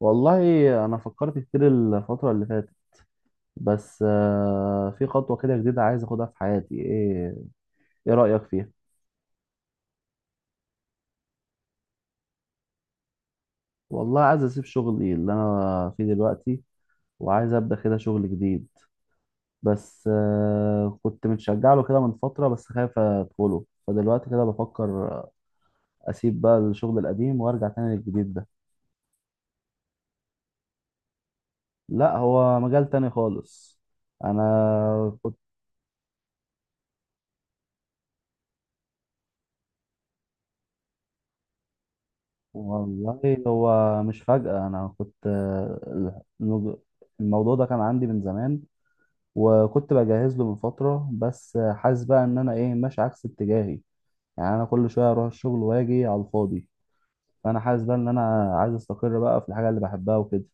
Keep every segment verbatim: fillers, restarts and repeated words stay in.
والله انا فكرت كتير الفتره اللي فاتت، بس آه، في خطوه كده جديده عايز اخدها في حياتي، ايه، ايه رايك فيها؟ والله عايز اسيب شغلي اللي انا فيه دلوقتي، وعايز ابدا كده شغل جديد. بس آه، كنت متشجع له كده من فتره، بس خايف ادخله، فدلوقتي كده بفكر اسيب بقى الشغل القديم وارجع تاني للجديد ده. لا، هو مجال تاني خالص. انا والله هو مش فجأة، أنا كنت آه، الموضوع الموضوع ده كان عندي من زمان، وكنت بجهز له من فترة، بس آه، حاسس بقى إن أنا إيه ماشي عكس اتجاهي. يعني أنا كل شوية أروح الشغل وأجي على الفاضي، فأنا حاسس بقى إن أنا عايز أستقر بقى في الحاجة اللي بحبها وكده.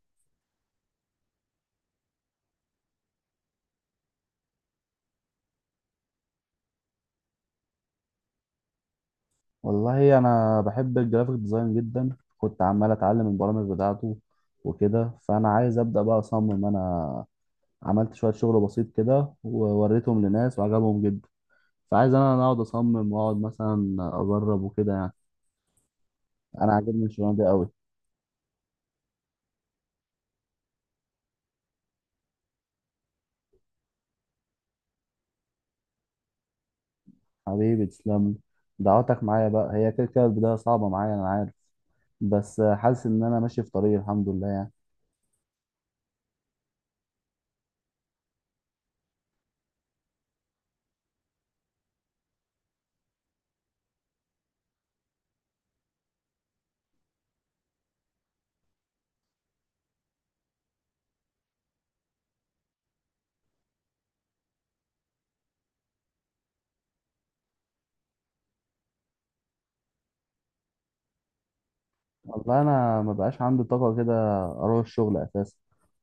والله أنا بحب الجرافيك ديزاين جدا، كنت عمال أتعلم البرامج بتاعته وكده، فأنا عايز أبدأ بقى أصمم. أنا عملت شوية شغل بسيط كده ووريتهم لناس وعجبهم جدا، فعايز انا انا اقعد اصمم، واقعد مثلا اجرب وكده يعني. انا عاجبني الشغلانه دي قوي. حبيبي تسلم لي. دعواتك معايا بقى، هي كده كده البدايه صعبه معايا، انا عارف. بس حاسس ان انا ماشي في طريق، الحمد لله يعني. والله انا ما بقاش عندي طاقه كده اروح الشغل اساسا.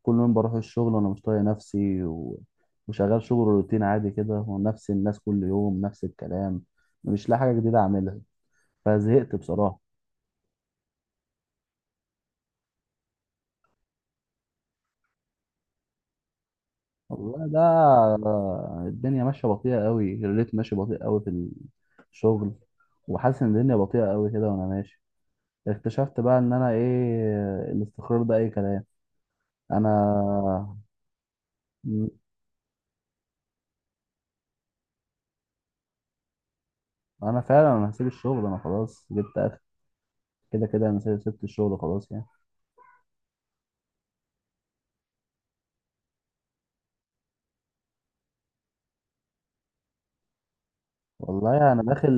كل يوم بروح الشغل وانا مش طايق نفسي، و... وشغال شغل روتين عادي كده، ونفس الناس كل يوم نفس الكلام، مش لاقي حاجه جديده اعملها، فزهقت بصراحه. والله ده، الدنيا ماشيه بطيئه قوي، الريت ماشي بطيء قوي في الشغل، وحاسس ان الدنيا بطيئه قوي كده وانا ماشي. اكتشفت بقى ان انا ايه، الاستقرار ده اي كلام. انا انا فعلا انا هسيب الشغل، انا خلاص جبت اخر. كده كده انا سيب- سبت الشغل خلاص يعني. والله انا داخل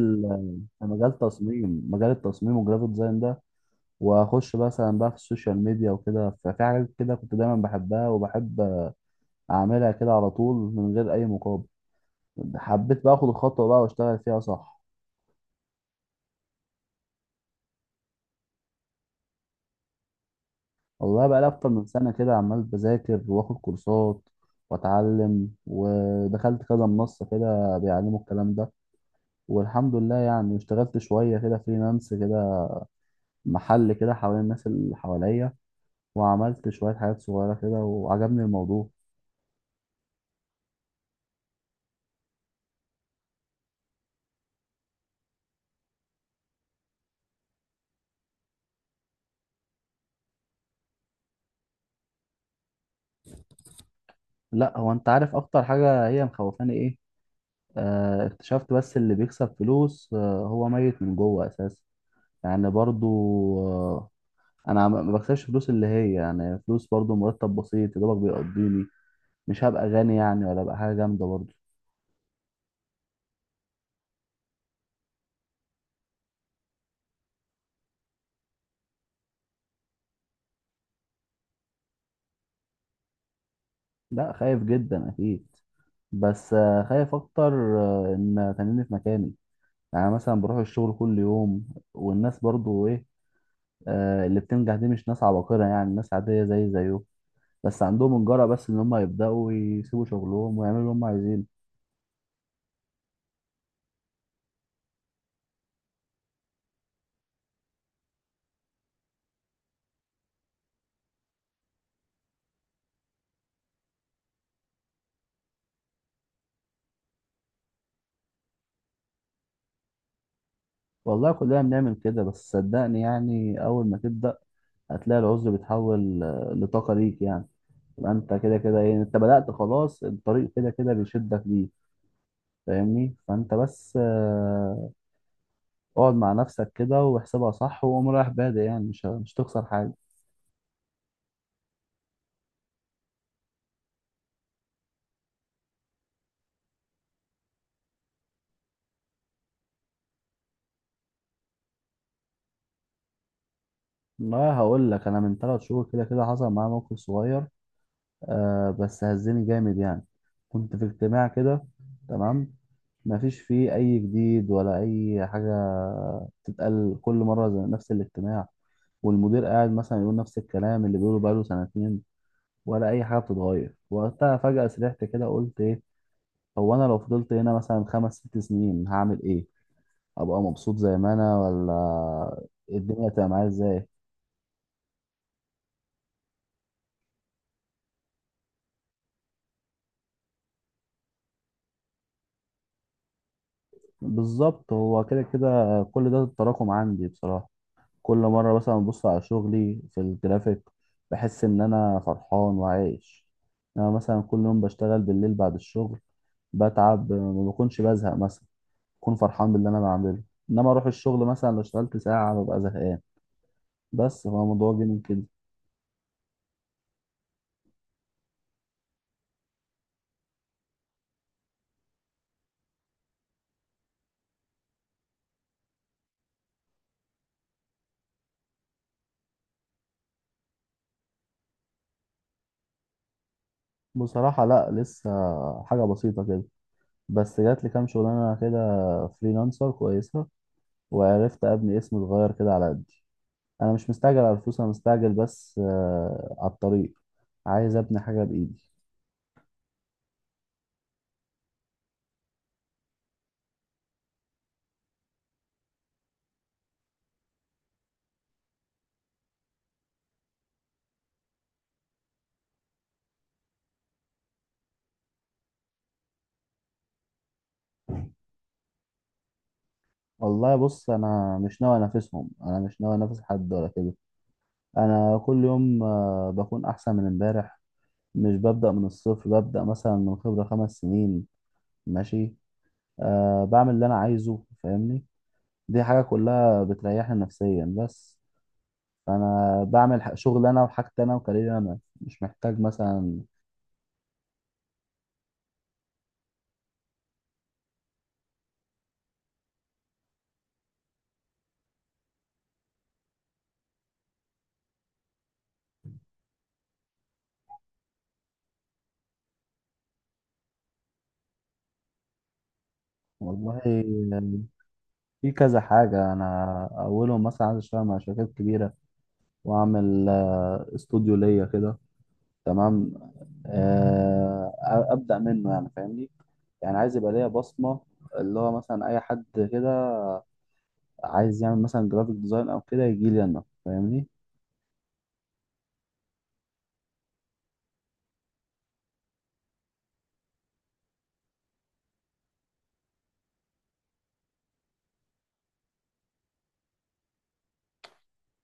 في مجال تصميم مجال التصميم والجرافيك ديزاين ده، واخش مثلا بقى في السوشيال ميديا وكده، ففي حاجات كده كنت دايما بحبها وبحب اعملها كده على طول من غير اي مقابل. حبيت بقى اخد الخطوه بقى واشتغل فيها، صح. والله بقى لي اكتر من سنه كده عمال بذاكر واخد كورسات واتعلم، ودخلت كذا منصه كده بيعلموا الكلام ده. والحمد لله يعني اشتغلت شويه كده فريلانس كده، محل كده حوالين الناس اللي حواليا، وعملت شويه حاجات صغيره كده وعجبني الموضوع. لا، هو انت عارف اكتر حاجه هي مخوفاني ايه؟ آه اكتشفت بس اللي بيكسب فلوس آه هو ميت من جوه اساسا. يعني برضو، آه، انا ما بكسبش فلوس اللي هي يعني فلوس، برضو مرتب بسيط يا دوبك بيقضيني. مش هبقى غني يعني، ولا هبقى حاجه جامده برضو. لا، خايف جدا اكيد. بس آه، خايف اكتر، آه، ان تنيني في مكاني. يعني مثلا بروح الشغل كل يوم، والناس برضو ايه، آه، اللي بتنجح دي مش ناس عباقرة، يعني ناس عادية زي زيه، بس عندهم الجرأة، بس ان هم يبدأوا يسيبوا شغلهم ويعملوا اللي هم عايزينه. والله كلنا بنعمل كده، بس صدقني يعني أول ما تبدأ هتلاقي العذر بيتحول آه، لطاقة ليك يعني. يبقى أنت كده كده إيه، أنت بدأت خلاص، الطريق كده كده بيشدك ليه، فاهمني؟ فأنت بس آه، اقعد مع نفسك كده واحسبها صح وقوم رايح بادئ، يعني مش مش تخسر حاجة. والله هقول لك، أنا من ثلاث شهور كده كده حصل معايا موقف صغير، آه بس هزني جامد يعني. كنت في اجتماع كده، تمام، مفيش فيه أي جديد ولا أي حاجة تتقال كل مرة، زي نفس الاجتماع، والمدير قاعد مثلا يقول نفس الكلام اللي بيقوله بقاله سنتين، ولا أي حاجة بتتغير. وقتها فجأة سرحت كده، قلت إيه، هو أنا لو فضلت هنا مثلا خمس ست سنين هعمل إيه؟ أبقى مبسوط زي ما أنا، ولا الدنيا تبقى معايا إزاي؟ بالظبط، هو كده كده كل ده التراكم عندي بصراحة. كل مرة مثلا ببص على شغلي في الجرافيك بحس إن أنا فرحان وعايش. أنا مثلا كل يوم بشتغل بالليل بعد الشغل، بتعب ما بكونش بزهق مثلا، بكون فرحان باللي أنا بعمله. إنما أروح الشغل مثلا لو اشتغلت ساعة ببقى زهقان. بس هو الموضوع جه من كده. بصراحة لأ، لسه حاجة بسيطة كده. بس جاتلي كام شغلانة كده فريلانسر كويسة، وعرفت أبني اسم صغير كده على قدي. انا مش مستعجل على الفلوس، انا مستعجل بس آه، على الطريق. عايز ابني حاجه بايدي. والله بص، انا مش ناوي انافسهم، انا مش ناوي انافس حد ولا كده. انا كل يوم آه، بكون احسن من امبارح. مش ببدا من الصفر، ببدا مثلا من خبره خمس سنين. ماشي، أه بعمل اللي انا عايزه، فاهمني. دي حاجه كلها بتريحني نفسيا بس. فانا بعمل ح- شغل انا وحاجتي انا وكاريري انا، مش محتاج مثلا. والله في كذا حاجة أنا أولهم مثلا عايز أشتغل مع شركات كبيرة، وأعمل آه، استوديو ليا كده، تمام، آه، أبدأ منه يعني فاهمني. يعني عايز يبقى ليا بصمة، اللي هو مثلا أي حد كده عايز يعمل مثلا جرافيك ديزاين أو كده يجي لي أنا، فاهمني.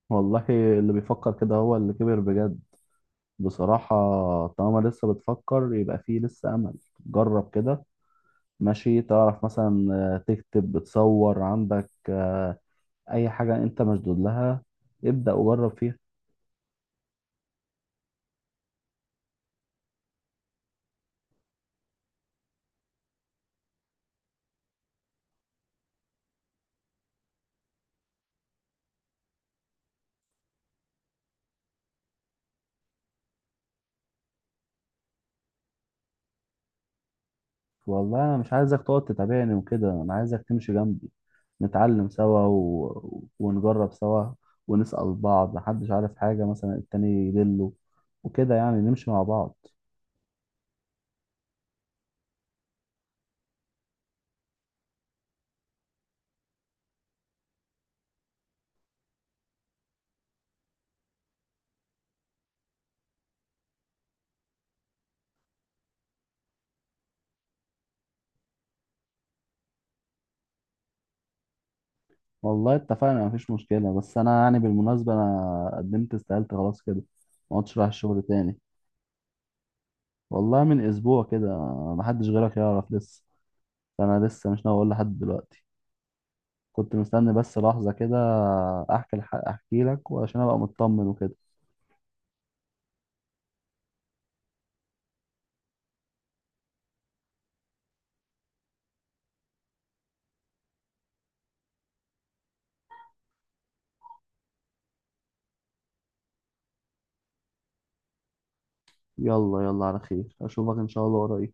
والله اللي بيفكر كده هو اللي كبر بجد، بصراحة. طالما لسه بتفكر، يبقى فيه لسه أمل. جرب كده، ماشي، تعرف مثلا آه، تكتب، بتصور عندك آه، اي حاجه انت مشدود لها، ابدا وجرب فيها. والله انا مش عايزك تقعد تتابعني وكده، انا عايزك تمشي جنبي، نتعلم سوا و... ونجرب سوا، ونسأل بعض، محدش عارف حاجه مثلا التاني يدله، وكده يعني نمشي مع بعض. والله اتفقنا، مفيش مشكله، بس انا يعني بالمناسبه انا قدمت استقالتي خلاص كده، ما عدتش رايح الشغل تاني. والله من اسبوع كده. محدش غيرك يعرف لسه، فانا لسه مش ناوي اقول لحد دلوقتي. كنت مستني بس لحظة كده أحكي الح- أحكي لك، وعشان أبقى مطمن وكده. يلا يلا على خير، أشوفك إن شاء الله قريب.